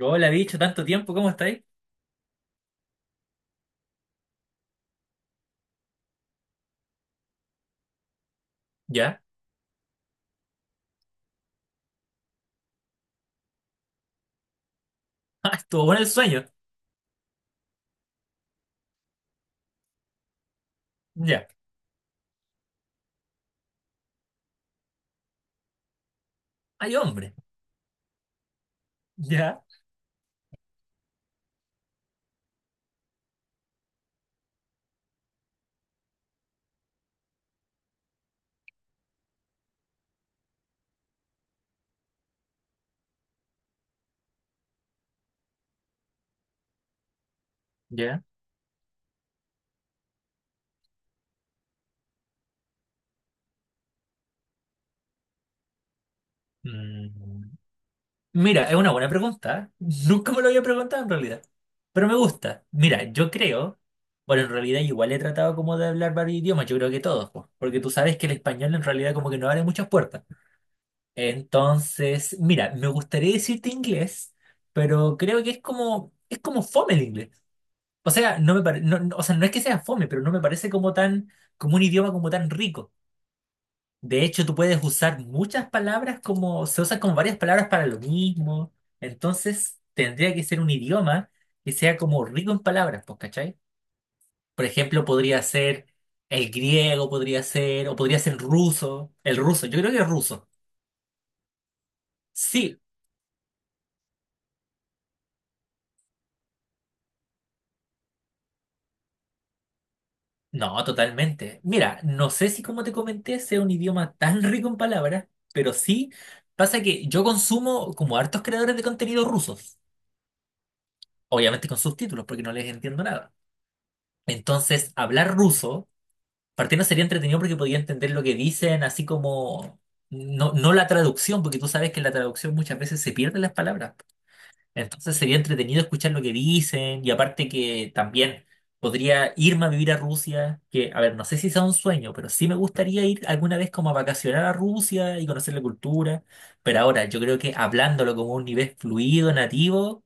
Hola, bicho, tanto tiempo, ¿cómo estáis? Ya. Ah, estuvo bueno el sueño. Ya. Ay, hombre. Ya. Ya. Mm, Mira, es una buena pregunta. Nunca me lo había preguntado en realidad. Pero me gusta. Mira, yo creo. Bueno, en realidad igual he tratado como de hablar varios idiomas, yo creo que todos, po, porque tú sabes que el español en realidad como que no abre muchas puertas. Entonces, mira, me gustaría decirte inglés, pero creo que es como fome el inglés. O sea, o sea, no es que sea fome, pero no me parece como tan, como un idioma como tan rico. De hecho, tú puedes usar muchas palabras como, se usan como varias palabras para lo mismo. Entonces, tendría que ser un idioma que sea como rico en palabras, pues, ¿cachai? Por ejemplo, podría ser el griego, podría ser, o podría ser ruso. El ruso, yo creo que es ruso. Sí, no, totalmente. Mira, no sé si como te comenté sea un idioma tan rico en palabras, pero sí pasa que yo consumo como hartos creadores de contenido rusos, obviamente con subtítulos porque no les entiendo nada. Entonces, hablar ruso, partiendo sería entretenido porque podía entender lo que dicen, así como no, no la traducción, porque tú sabes que en la traducción muchas veces se pierden las palabras. Entonces sería entretenido escuchar lo que dicen y aparte que también podría irme a vivir a Rusia, que, a ver, no sé si sea un sueño, pero sí me gustaría ir alguna vez como a vacacionar a Rusia y conocer la cultura, pero ahora yo creo que hablándolo como un nivel fluido, nativo,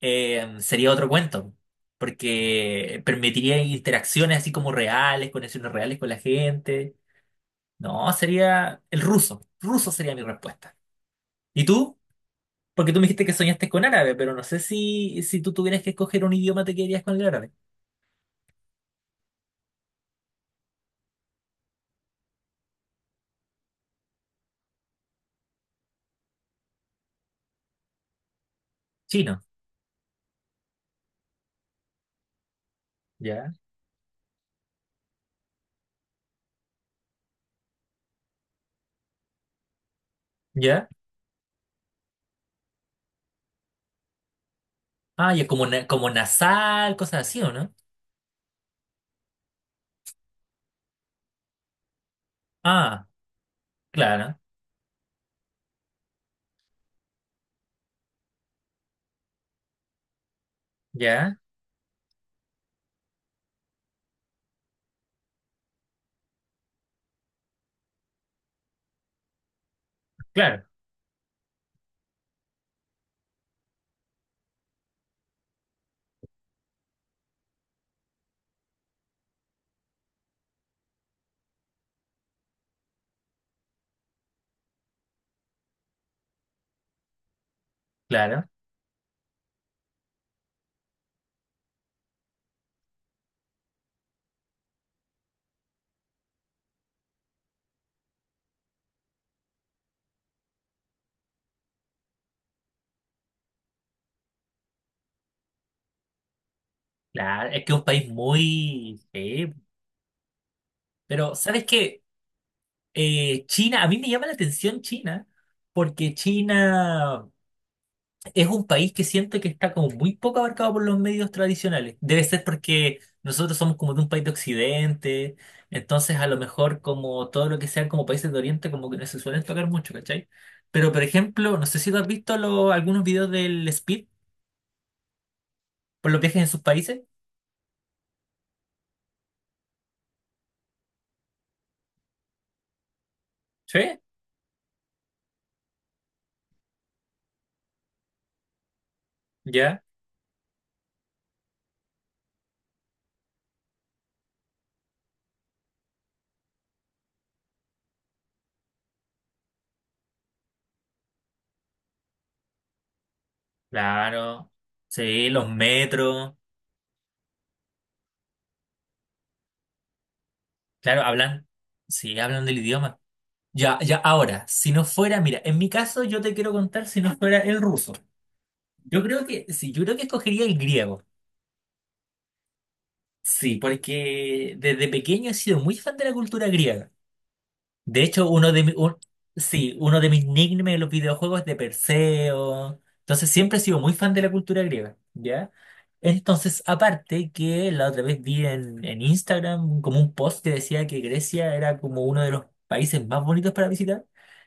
sería otro cuento, porque permitiría interacciones así como reales, conexiones reales con la gente. No, sería el ruso, ruso sería mi respuesta. ¿Y tú? Porque tú me dijiste que soñaste con árabe, pero no sé si, si tú tuvieras que escoger un idioma, te quedarías con el árabe. Chino. Ya. Ya. Ah, ya como, como nasal, cosas así, ¿o no? Ah, claro. Ya. Claro. Claro. Claro. Es que es un país muy... sí. Pero, ¿sabes qué? China, a mí me llama la atención China, porque China... Es un país que siento que está como muy poco abarcado por los medios tradicionales. Debe ser porque nosotros somos como de un país de Occidente, entonces a lo mejor como todo lo que sean como países de Oriente como que no se suelen tocar mucho, ¿cachai? Pero por ejemplo, no sé si tú has visto algunos videos del Speed por los viajes en sus países. Sí, ya. Claro. Sí, los metros. Claro, hablan. Sí, hablan del idioma. Ya, ya, ahora, si no fuera, mira, en mi caso yo te quiero contar si no fuera el ruso. Yo creo que, sí, yo creo que escogería el griego. Sí, porque desde pequeño he sido muy fan de la cultura griega. De hecho, sí, uno de mis nicknames en los videojuegos es de Perseo. Entonces siempre he sido muy fan de la cultura griega, ¿ya? Entonces, aparte que la otra vez vi en Instagram como un post que decía que Grecia era como uno de los países más bonitos para visitar.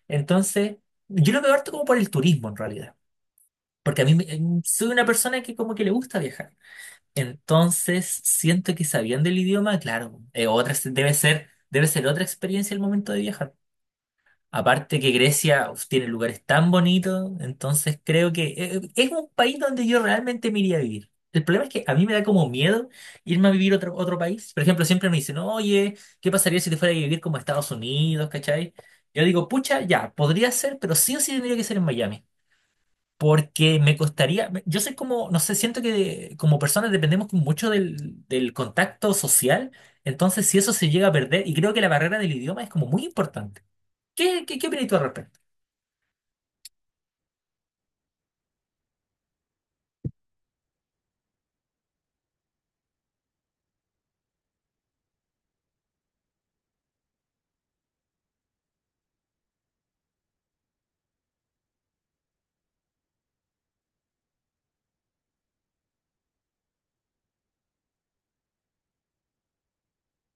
Entonces, yo lo veo harto como por el turismo en realidad. Porque a mí me- Soy una persona que como que le gusta viajar. Entonces, siento que sabiendo el idioma, claro, otra, debe ser otra experiencia el momento de viajar. Aparte que Grecia uf, tiene lugares tan bonitos, entonces creo que es un país donde yo realmente me iría a vivir. El problema es que a mí me da como miedo irme a vivir a otro país. Por ejemplo, siempre me dicen, oye, ¿qué pasaría si te fuera a vivir como a Estados Unidos, ¿cachai? Yo digo, pucha, ya, podría ser, pero sí o sí tendría que ser en Miami. Porque me costaría, yo soy como, no sé, siento que como personas dependemos como mucho del contacto social, entonces si eso se llega a perder, y creo que la barrera del idioma es como muy importante. ¿ qué opinas tú al respecto?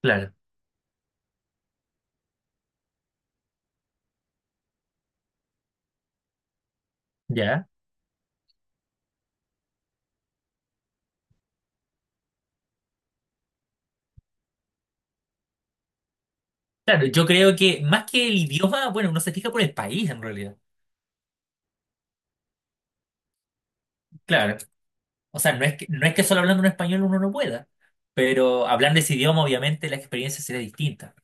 Claro, ya. Claro, yo creo que más que el idioma, bueno, uno se fija por el país en realidad. Claro. O sea, no es que solo hablando un español uno no pueda, pero hablando ese idioma, obviamente la experiencia será distinta.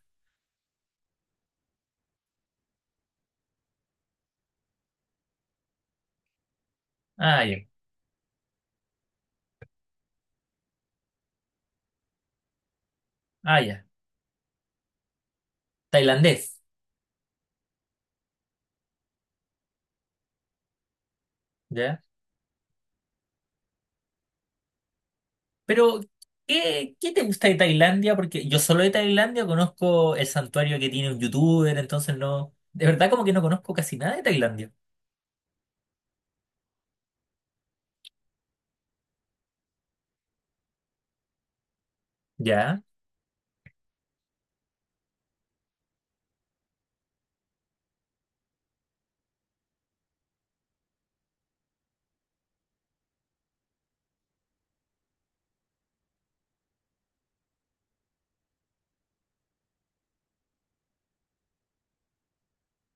Ah, ya. Ah, ya. Tailandés. Ya. Pero, ¿qué te gusta de Tailandia? Porque yo solo de Tailandia conozco el santuario que tiene un youtuber, entonces no. De verdad, como que no conozco casi nada de Tailandia. Ya,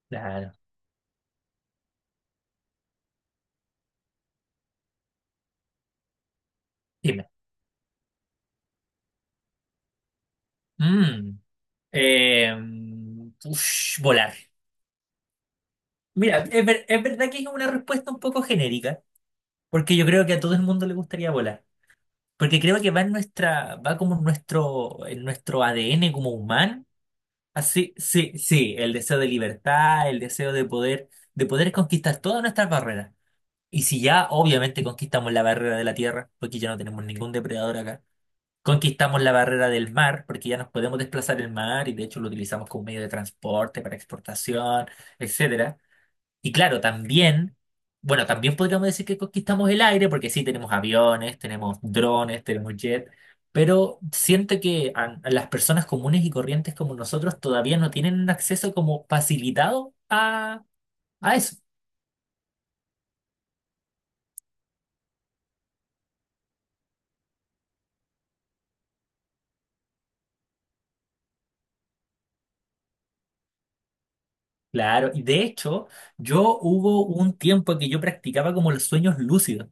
claro. Dime. Mm, eh, ush, volar. Mira, es verdad que es una respuesta un poco genérica, porque yo creo que a todo el mundo le gustaría volar. Porque creo que va en va como en en nuestro ADN como humano. Así, sí, sí, sí, el deseo de libertad, el deseo de poder conquistar todas nuestras barreras. Y si ya, obviamente, conquistamos la barrera de la tierra, porque ya no tenemos ningún depredador acá. Conquistamos la barrera del mar, porque ya nos podemos desplazar el mar y de hecho lo utilizamos como medio de transporte para exportación, etcétera. Y claro, también, bueno, también podríamos decir que conquistamos el aire, porque sí, tenemos aviones, tenemos drones, tenemos jet, pero siento que a las personas comunes y corrientes como nosotros todavía no tienen un acceso como facilitado a eso. Claro, y de hecho, yo hubo un tiempo que yo practicaba como los sueños lúcidos.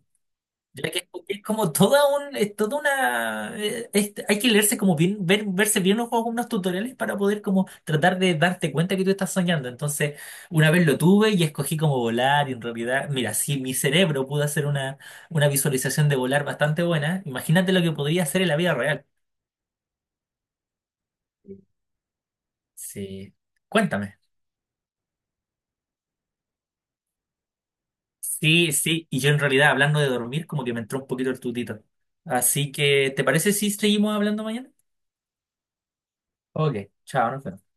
Ya que es como es toda una, hay que leerse como bien, verse bien los unos tutoriales para poder como tratar de darte cuenta que tú estás soñando. Entonces, una vez lo tuve y escogí como volar y en realidad, mira, si mi cerebro pudo hacer una visualización de volar bastante buena, imagínate lo que podría hacer en la vida real. Sí, cuéntame. Sí, sí, y yo en realidad hablando de dormir como que me entró un poquito el tutito. Así que, ¿te parece si seguimos hablando mañana? Ok, chao, nos vemos.